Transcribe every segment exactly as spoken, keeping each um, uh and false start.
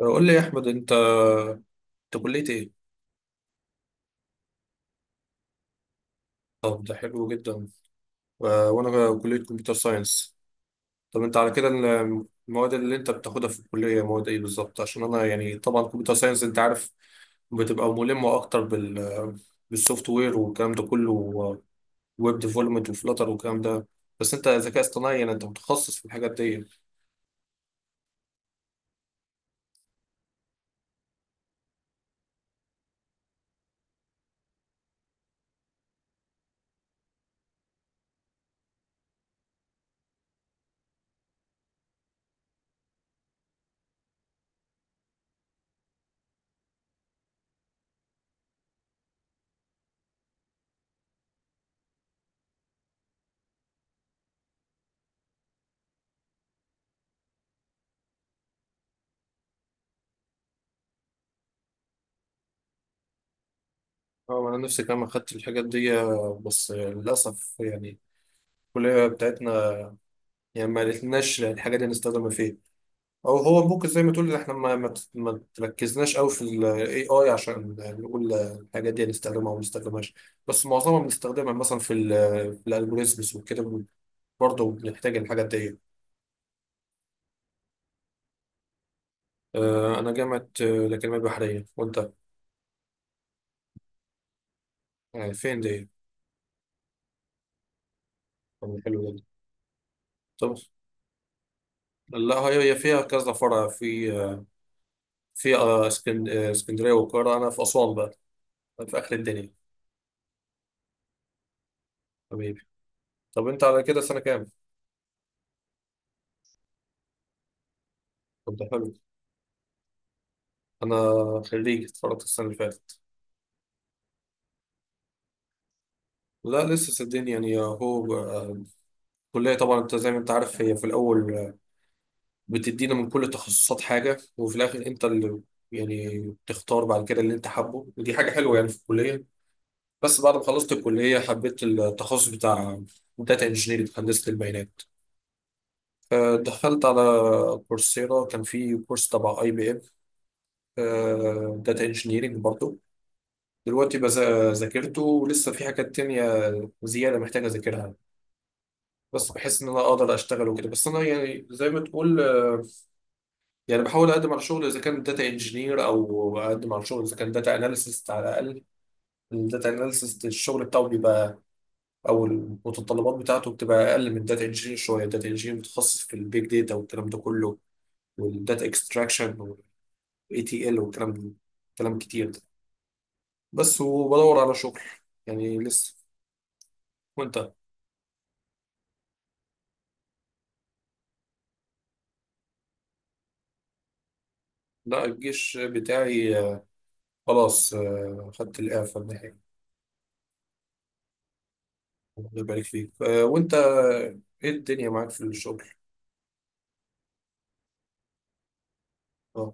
قول لي يا احمد، انت انت كليه ايه؟ طب ده حلو جدا. و- وانا كليه كمبيوتر ساينس. طب انت على كده ال- المواد اللي انت بتاخدها في الكليه مواد ايه بالظبط؟ عشان انا يعني طبعا كمبيوتر ساينس انت عارف، بتبقى ملمه اكتر بال بالسوفت وير والكلام ده كله، ويب ديفلوبمنت وفلاتر والكلام ده. بس انت ذكاء اصطناعي، يعني انت متخصص في الحاجات دي. اه، انا نفسي كمان اخدت الحاجات دي، بس للاسف يعني الكليه بتاعتنا يعني ما لقيناش الحاجات دي نستخدمها فيها، او هو ممكن زي ما تقول احنا ما ما ما تركزناش قوي في الاي اي عشان نقول الحاجات دي هنستخدمها او ما نستخدمهاش. بس معظمها بنستخدمها مثلا في ال في الالجوريزمز وكده، برضه بنحتاج الحاجات دي. آه، انا جامعه آه، الاكاديميه البحريه، وانت؟ آه، فين دي؟ طب حلو جدا. طب لا، هي هي فيها كذا فرع في آه، في آه، اسكن- آه، اسكندريه والقاهره، انا في اسوان بقى، في اخر الدنيا. حبيبي. طب انت على كده سنه كام؟ طب ده حلو. انا خريج، اتخرجت السنه اللي فاتت. لا لسه، صدقني، يعني هو. آه، الكلية طبعا انت زي ما انت عارف هي في الأول، آه، بتدينا من كل تخصصات حاجة، وفي الآخر انت اللي، يعني، بتختار بعد كده اللي انت حابه، ودي حاجة حلوة يعني في الكلية. بس بعد ما خلصت الكلية حبيت التخصص بتاع داتا انجينيرنج، هندسة البيانات. آه، دخلت على كورسيرا، كان في كورس تبع اي بي ام، داتا انجينيرنج برضه. دلوقتي بذا- ذاكرته، ولسه في حاجات تانية زيادة محتاجة أذاكرها. بس بحس ان انا اقدر اشتغل وكده، بس انا يعني زي ما تقول، آه، يعني بحاول اقدم على شغل اذا كان داتا انجينير، او اقدم على شغل اذا كان داتا اناليسيست على الاقل. الداتا اناليسيست الشغل بتاعه بيبقى، او المتطلبات بتاعته بتبقى اقل من داتا انجينير شويه. الداتا انجينير متخصص في البيج داتا والكلام ده كله، والداتا اكستراكشن والاي تي ال والكلام، كلام كتير ده، بس وبدور على شغل، يعني لسه. وانت؟ لا، الجيش بتاعي آه، خلاص، آه، خدت الاعفاء النهائي. الله يبارك فيك. آه، وانت، ايه الدنيا معاك في الشغل؟ اه.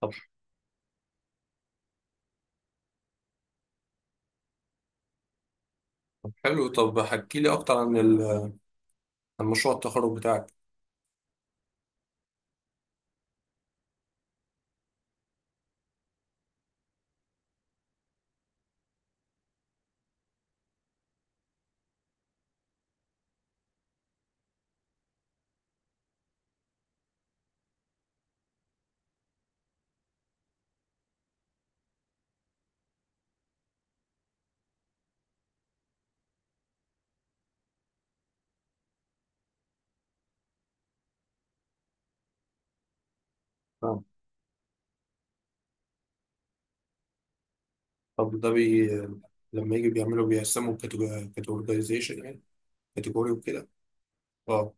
طب طب حلو، طب حكي لي اكتر عن ال- عن مشروع التخرج بتاعك. اه. طب ده بي، لما يجي بيعملوا بيقسموا كاتيجورايزيشن يعني، كاتيجوري وكده. اه.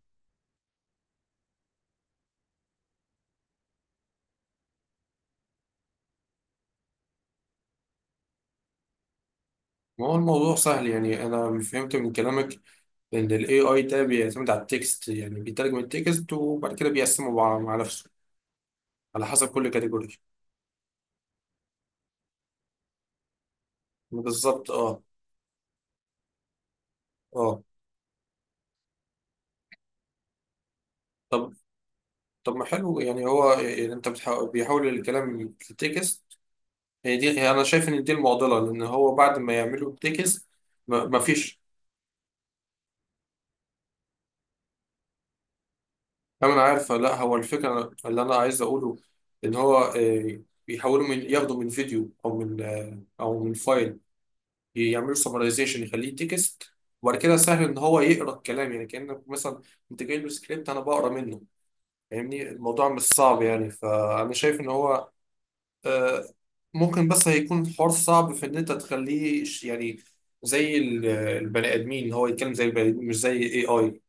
ما هو الموضوع سهل يعني، انا فهمت من كلامك ان الاي اي ده بيعتمد على التكست، يعني بيترجم التكست وبعد كده بيقسمه مع مع نفسه على حسب كل كاتيجوري. بالظبط. اه اه. طب طب ما حلو، يعني هو يعني انت بتحاول بيحول الكلام لتكست. هي دي، هي انا شايف ان دي المعضله، لان هو بعد ما يعملوا تكست ما ما فيش. انا عارفه، لا هو الفكره اللي انا عايز اقوله، ان هو، آه، بيحولوا، من ياخدوا من فيديو، او من، آه، او من فايل، يعملوا سمرايزيشن يخليه تكست، وبعد كده سهل ان هو يقرا الكلام. يعني كانك مثلا انت جاي له سكريبت انا بقرا منه. فاهمني؟ الموضوع مش صعب يعني، فانا شايف ان هو، آه، ممكن، بس هيكون الحوار صعب في ان انت تخليه ش- يعني زي ال- البني ادمين، ان هو يتكلم زي البني ادمين مش زي اي اي.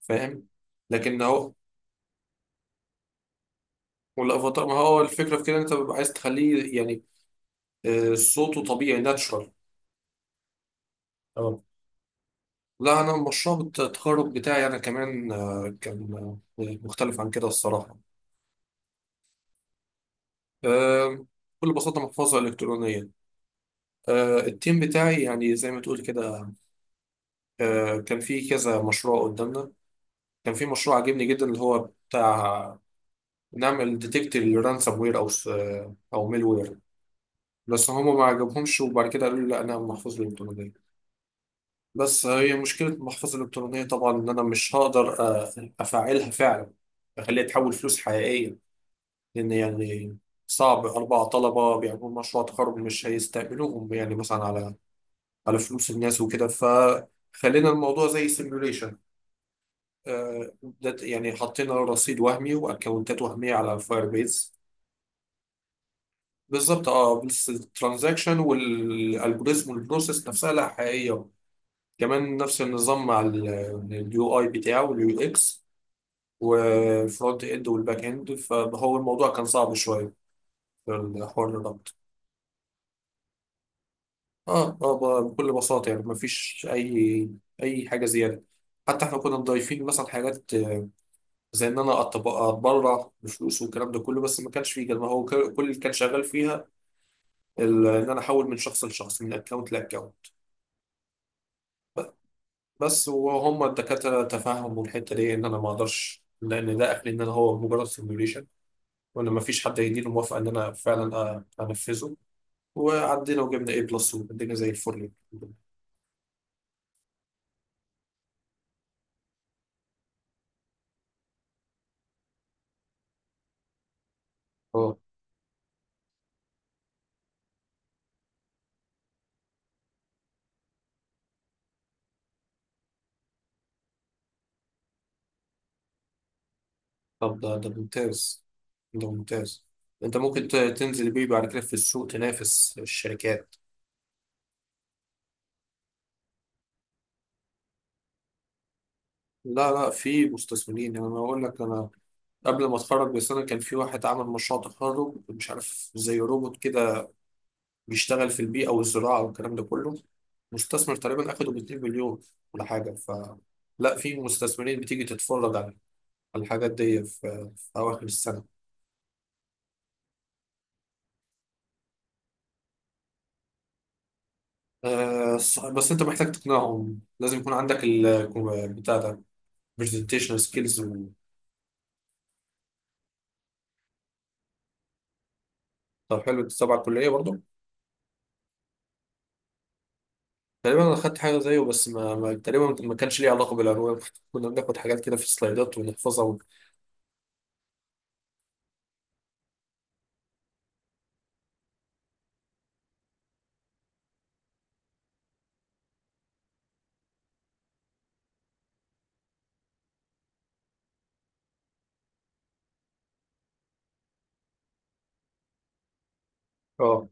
فاهم؟ لكن هو. والافاتار ما هو الفكره في كده، إن انت بيبقى عايز تخليه يعني، آه، صوته طبيعي، ناتشرال. اه. لا، انا مشروع الت- التخرج بتاعي انا كمان آه، كان آه، مختلف عن كده الصراحه. آه، بكل بساطه، محفظه الكترونيه. آه، التيم بتاعي يعني زي ما تقول كده، آه، كان في كذا مشروع قدامنا. كان في مشروع عجبني جدا، اللي هو بتاع، نعمل ديتكت للرانسوم وير، او س- او ميل وير. بس هما ما عجبهمش، وبعد كده قالوا لي لا، انا محفظة الالكترونية. بس هي مشكلة المحفظة الالكترونية طبعا ان انا مش هقدر أ- افعلها فعلا، اخليها تحول فلوس حقيقية، لان يعني صعب اربع طلبة بيعملوا مشروع تخرج مش هيستقبلوهم يعني مثلا على على فلوس الناس وكده، فخلينا الموضوع زي سيميوليشن. آه، ده يعني حطينا رصيد وهمي واكونتات وهميه على الفاير بيز. بالظبط، اه، بس الترانزاكشن والالجوريزم والبروسيس نفسها لا حقيقيه، كمان نفس النظام مع اليو اي بتاعه واليو اكس والفرونت اند والباك اند، فهو الموضوع كان صعب شويه في الحوار، الربط. اه اه، ب- بكل بساطه يعني مفيش اي اي حاجه زياده. حتى احنا كنا مضايفين مثلا حاجات زي ان انا أتب- اتبرع بفلوس والكلام ده كله، بس ما كانش فيه كده، ما هو ك- كل اللي كان شغال فيها، ال- ان انا احول من شخص لشخص، من اكونت لاكونت. بس وهم الدكاتره تفهموا الحته دي، ان انا ما اقدرش، لان ده اخري ان انا هو مجرد سيميوليشن، وان ما فيش حد هيديني موافقه ان انا فعلا أ- انفذه. وعدينا وجبنا اي بلس والدنيا زي الفل. اه، طب ده ده ممتاز، ده ممتاز. انت ممكن ت- تنزل بيه بعد كده في السوق، تنافس الشركات. لا لا، في مستثمرين، يعني انا اقول لك، انا قبل ما اتخرج بسنه كان في واحد عمل مشروع تخرج مش عارف، زي روبوت كده، بيشتغل في البيئه والزراعه والكلام ده كله. مستثمر تقريبا اخده ب اتنين مليون ولا حاجه. ف لا، في مستثمرين بتيجي تتفرج على على الحاجات دي في, في اواخر السنه. أه، ص- بس انت محتاج تقنعهم، لازم يكون عندك ال بتاع ده، برزنتيشن سكيلز. طب حلو، انت تبع الكليه برضه؟ تقريبا انا خدت حاجه زيه، بس ما, ما تقريبا ما كانش ليه علاقه بالانواع. كنا بناخد حاجات كده في السلايدات ونحفظها ون... اه.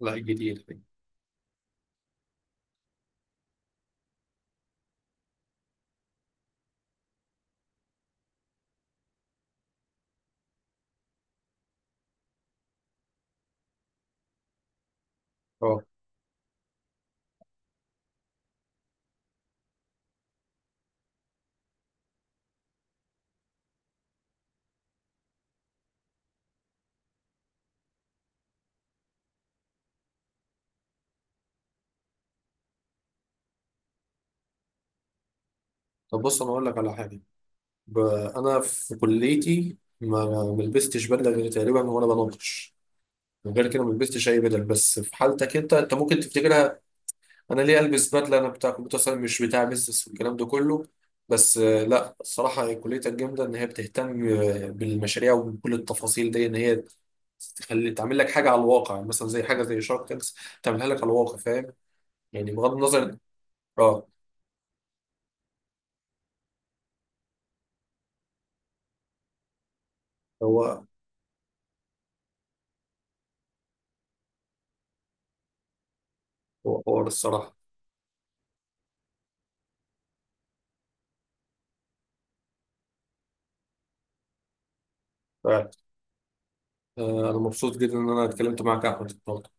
لا جديد. اه. طب بص انا اقول لك على حاجه، ب... انا في كليتي ما ما لبستش بدله غير تقريبا وانا بناقش. غير كده ما لبستش اي بدل. بس في حالتك انت انت ممكن تفتكرها. انا ليه البس بدله، انا بتاع كمبيوتر ساينس مش بتاع بيزنس والكلام ده كله. بس آه، لا الصراحه كليه الجامده ان هي بتهتم آه، بالمشاريع وبكل التفاصيل دي، ان هي تخلي تعمل لك حاجه على الواقع، يعني مثلا زي حاجه زي شارك تانكس تعملها لك على الواقع. فاهم؟ يعني بغض النظر. اه، هو هو حوار الصراحه. فعلا. آه، انا مبسوط جدا ان انا اتكلمت معاك يا احمد النهارده.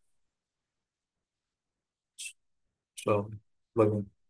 ان شاء الله. باي باي.